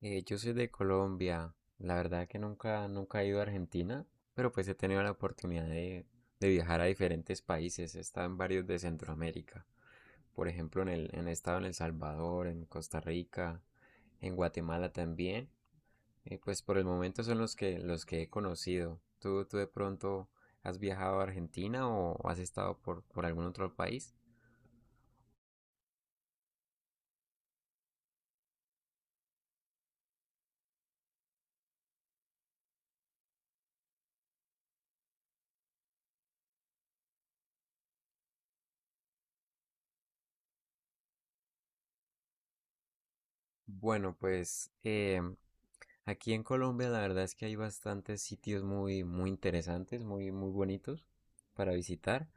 Yo soy de Colombia. La verdad que nunca he ido a Argentina, pero pues he tenido la oportunidad de viajar a diferentes países. He estado en varios de Centroamérica. Por ejemplo, en el, en he estado en El Salvador, en Costa Rica, en Guatemala también. Pues por el momento son los que he conocido. ¿Tú de pronto has viajado a Argentina o has estado por algún otro país? Bueno, pues aquí en Colombia la verdad es que hay bastantes sitios muy, muy interesantes, muy, muy bonitos para visitar.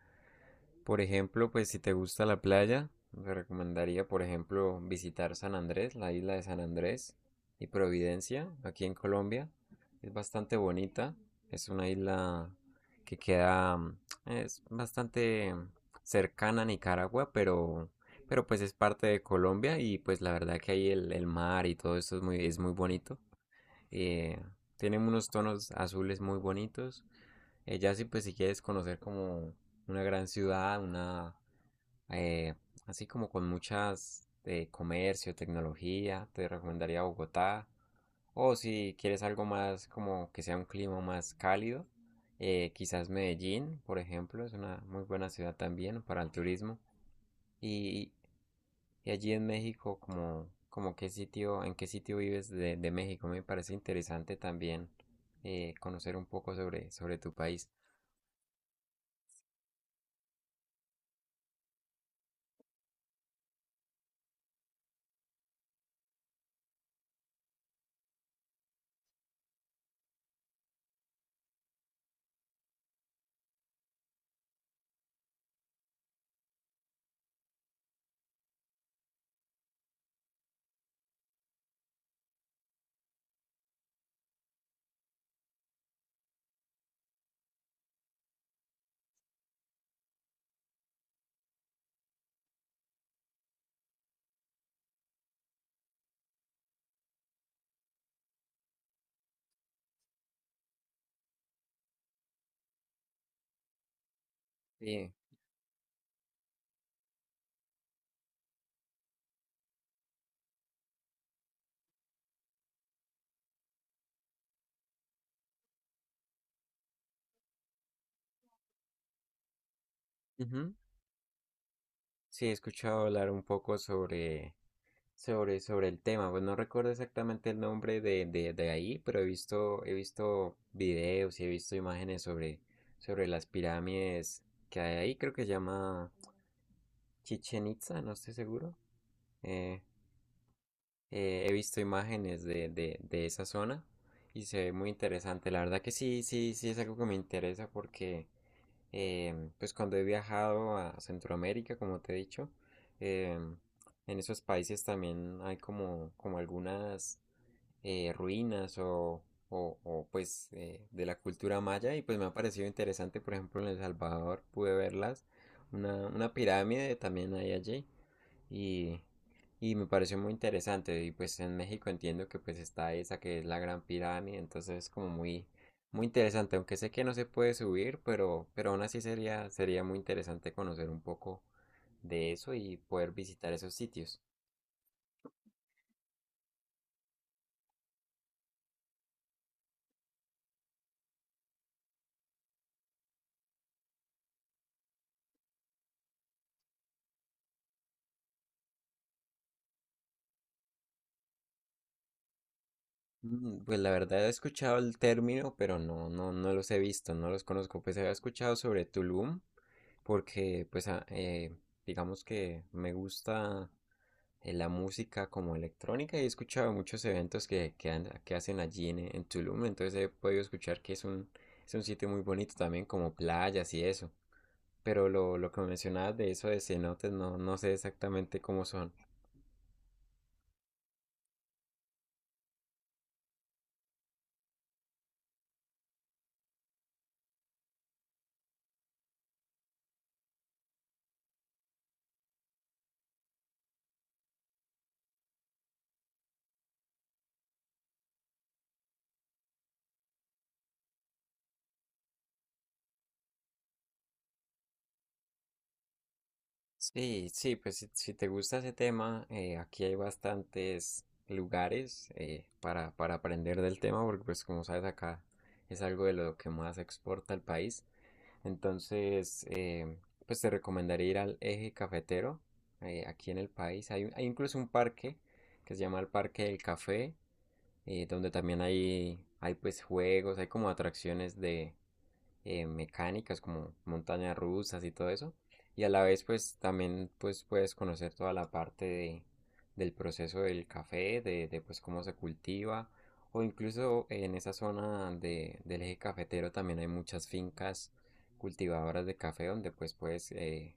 Por ejemplo, pues si te gusta la playa, te recomendaría, por ejemplo, visitar San Andrés, la isla de San Andrés y Providencia, aquí en Colombia. Es bastante bonita, es una isla que queda, es bastante cercana a Nicaragua, pero pues es parte de Colombia y pues la verdad que ahí el mar y todo eso es muy bonito. Eh, Tienen unos tonos azules muy bonitos. Ya, pues si quieres conocer como una gran ciudad, una eh, así como con muchas comercio, tecnología, te recomendaría Bogotá. O si quieres algo más como que sea un clima más cálido, quizás Medellín, por ejemplo, es una muy buena ciudad también para el turismo. Y y allí en México, como en qué sitio vives de México, me parece interesante también conocer un poco sobre, sobre, tu país. Sí, ujú. Sí, he escuchado hablar un poco sobre el tema. Pues no recuerdo exactamente el nombre de ahí, pero he visto videos y he visto imágenes sobre las pirámides que hay ahí. Creo que se llama Chichen Itza, no estoy seguro. Eh, he visto imágenes de esa zona y se ve muy interesante. La verdad que sí, sí, sí es algo que me interesa porque pues cuando he viajado a Centroamérica, como te he dicho, em, en esos países también hay como algunas ruinas o, pues de la cultura maya y pues me ha parecido interesante, por ejemplo, en El Salvador pude verlas, una pirámide también hay allí y, y me pareció muy interesante y pues en México entiendo que pues está esa que es la Gran Pirámide, entonces es como muy, muy interesante, aunque sé que no se puede subir, pero aún así sería muy interesante conocer un poco de eso y poder visitar esos sitios. Pues la verdad he escuchado el término, pero no, no, no los he visto, no los conozco. Pues había escuchado sobre Tulum, porque pues digamos que me gusta la música como electrónica y he escuchado muchos eventos que hacen allí en Tulum, entonces he podido escuchar que es un sitio muy bonito también, como playas y eso. Pero lo que mencionabas de eso de cenotes, no, no sé exactamente cómo son. Sí, sí, pues si te gusta ese tema, aquí hay bastantes lugares para aprender del tema, porque pues como sabes acá es algo de lo que más exporta el país. Entonces, pues te recomendaría ir al Eje Cafetero, aquí en el país. Hay incluso un parque que se llama el Parque del Café, donde también hay pues juegos, hay como atracciones de mecánicas como montañas rusas y todo eso. Y a la vez pues también pues puedes conocer toda la parte del proceso del café, pues cómo se cultiva. O incluso en esa zona del eje cafetero también hay muchas fincas cultivadoras de café donde pues puedes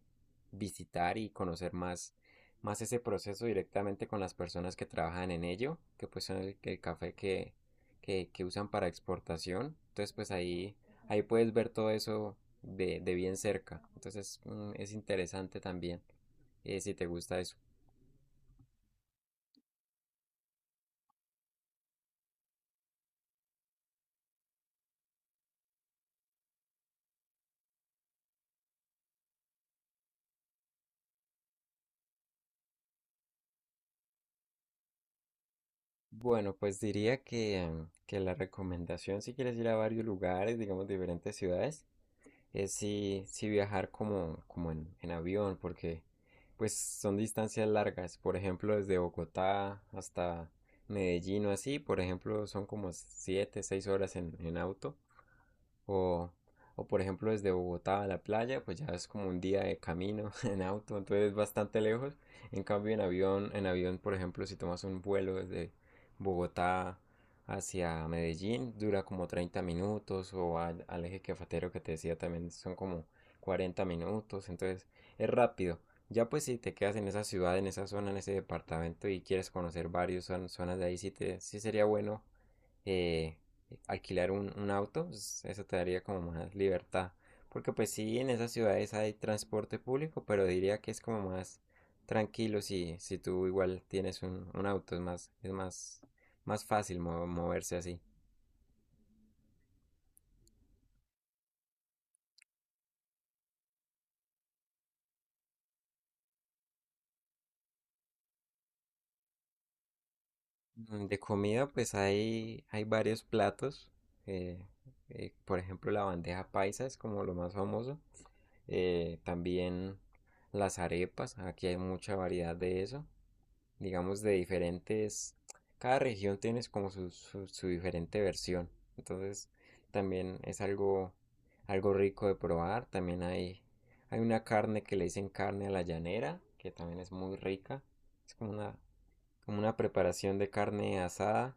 visitar y conocer más ese proceso directamente con las personas que trabajan en ello, que pues son el café que usan para exportación. Entonces pues ahí puedes ver todo eso de bien cerca. Entonces es interesante también si te gusta eso. Bueno, pues diría que la recomendación si quieres ir a varios lugares, digamos diferentes ciudades, es si viajar como en avión, porque pues son distancias largas. Por ejemplo, desde Bogotá hasta Medellín o así, por ejemplo, son como 7, 6 horas en auto. O, o por ejemplo, desde Bogotá a la playa, pues ya es como un día de camino en auto, entonces es bastante lejos. En cambio, en avión, por ejemplo, si tomas un vuelo desde Bogotá hacia Medellín, dura como 30 minutos, o al eje cafetero que te decía también son como 40 minutos, entonces es rápido. Ya pues si te quedas en esa ciudad, en esa zona, en ese departamento y quieres conocer varios varias zonas de ahí, sí sería bueno eh, alquilar un auto, pues, eso te daría como más libertad. Porque pues sí, en esas ciudades hay transporte público, pero diría que es como más tranquilo si tú igual tienes un auto, es más fácil moverse así. De comida pues hay varios platos, eh, por ejemplo la bandeja paisa es como lo más famoso, también las arepas, aquí hay mucha variedad de eso. Digamos, de diferentes, cada región tiene como su diferente versión. Entonces, también es algo rico de probar. También hay una carne que le dicen carne a la llanera, que también es muy rica. Es como una preparación de carne asada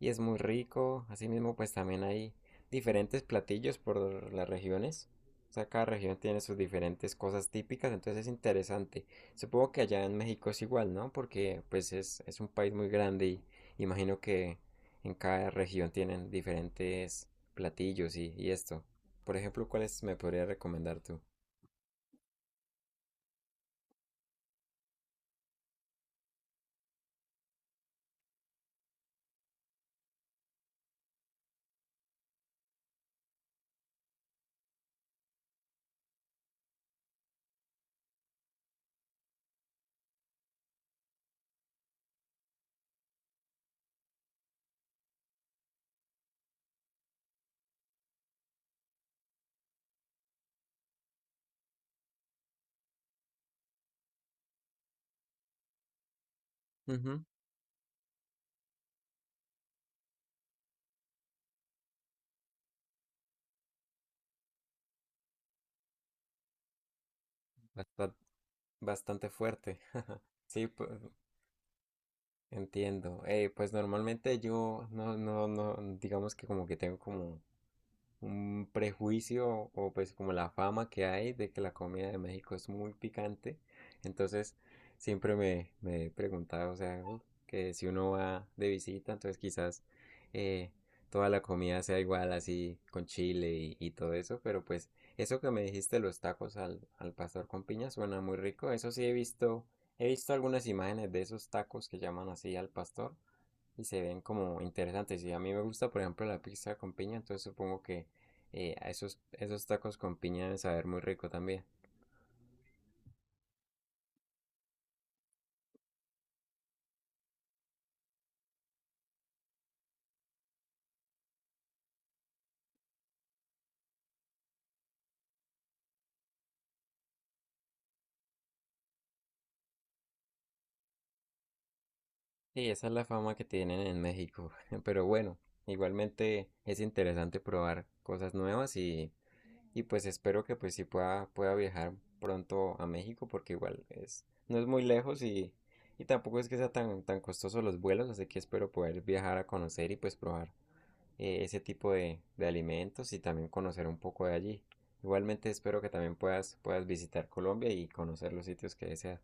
y es muy rico. Asimismo, pues también hay diferentes platillos por las regiones. O sea, cada región tiene sus diferentes cosas típicas, entonces es interesante. Supongo que allá en México es igual, ¿no? Porque pues es un país muy grande y imagino que en cada región tienen diferentes platillos y esto. Por ejemplo, ¿cuáles me podría recomendar tú? Ujú. Basta- Bastante fuerte. Sí, entiendo. Pues normalmente yo no, no, no, digamos que como que tengo como un prejuicio o pues como la fama que hay de que la comida de México es muy picante. Entonces siempre me he preguntado, o sea, que si uno va de visita, entonces quizás eh, toda la comida sea igual así con chile y todo eso, pero pues eso que me dijiste, los tacos al pastor con piña, suena muy rico. Eso sí he visto, algunas imágenes de esos tacos que llaman así al pastor y se ven como interesantes. Y a mí me gusta, por ejemplo, la pizza con piña, entonces supongo que a esos tacos con piña deben saber muy rico también. Y esa es la fama que tienen en México. Pero bueno, igualmente es interesante probar cosas nuevas y pues espero que pues sí pueda viajar pronto a México porque igual es, no es muy lejos y tampoco es que sea tan, tan costoso los vuelos, así que espero poder viajar a conocer y pues probar ese tipo de alimentos y también conocer un poco de allí. Igualmente espero que también puedas visitar Colombia y conocer los sitios que deseas.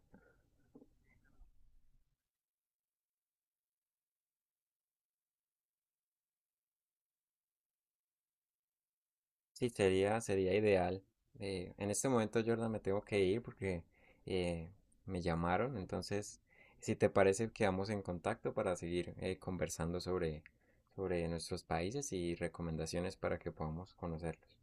Sí, sería ideal. En este momento, Jordan, me tengo que ir porque eh, me llamaron. Entonces, si te parece, quedamos en contacto para seguir conversando sobre, nuestros países y recomendaciones para que podamos conocerlos.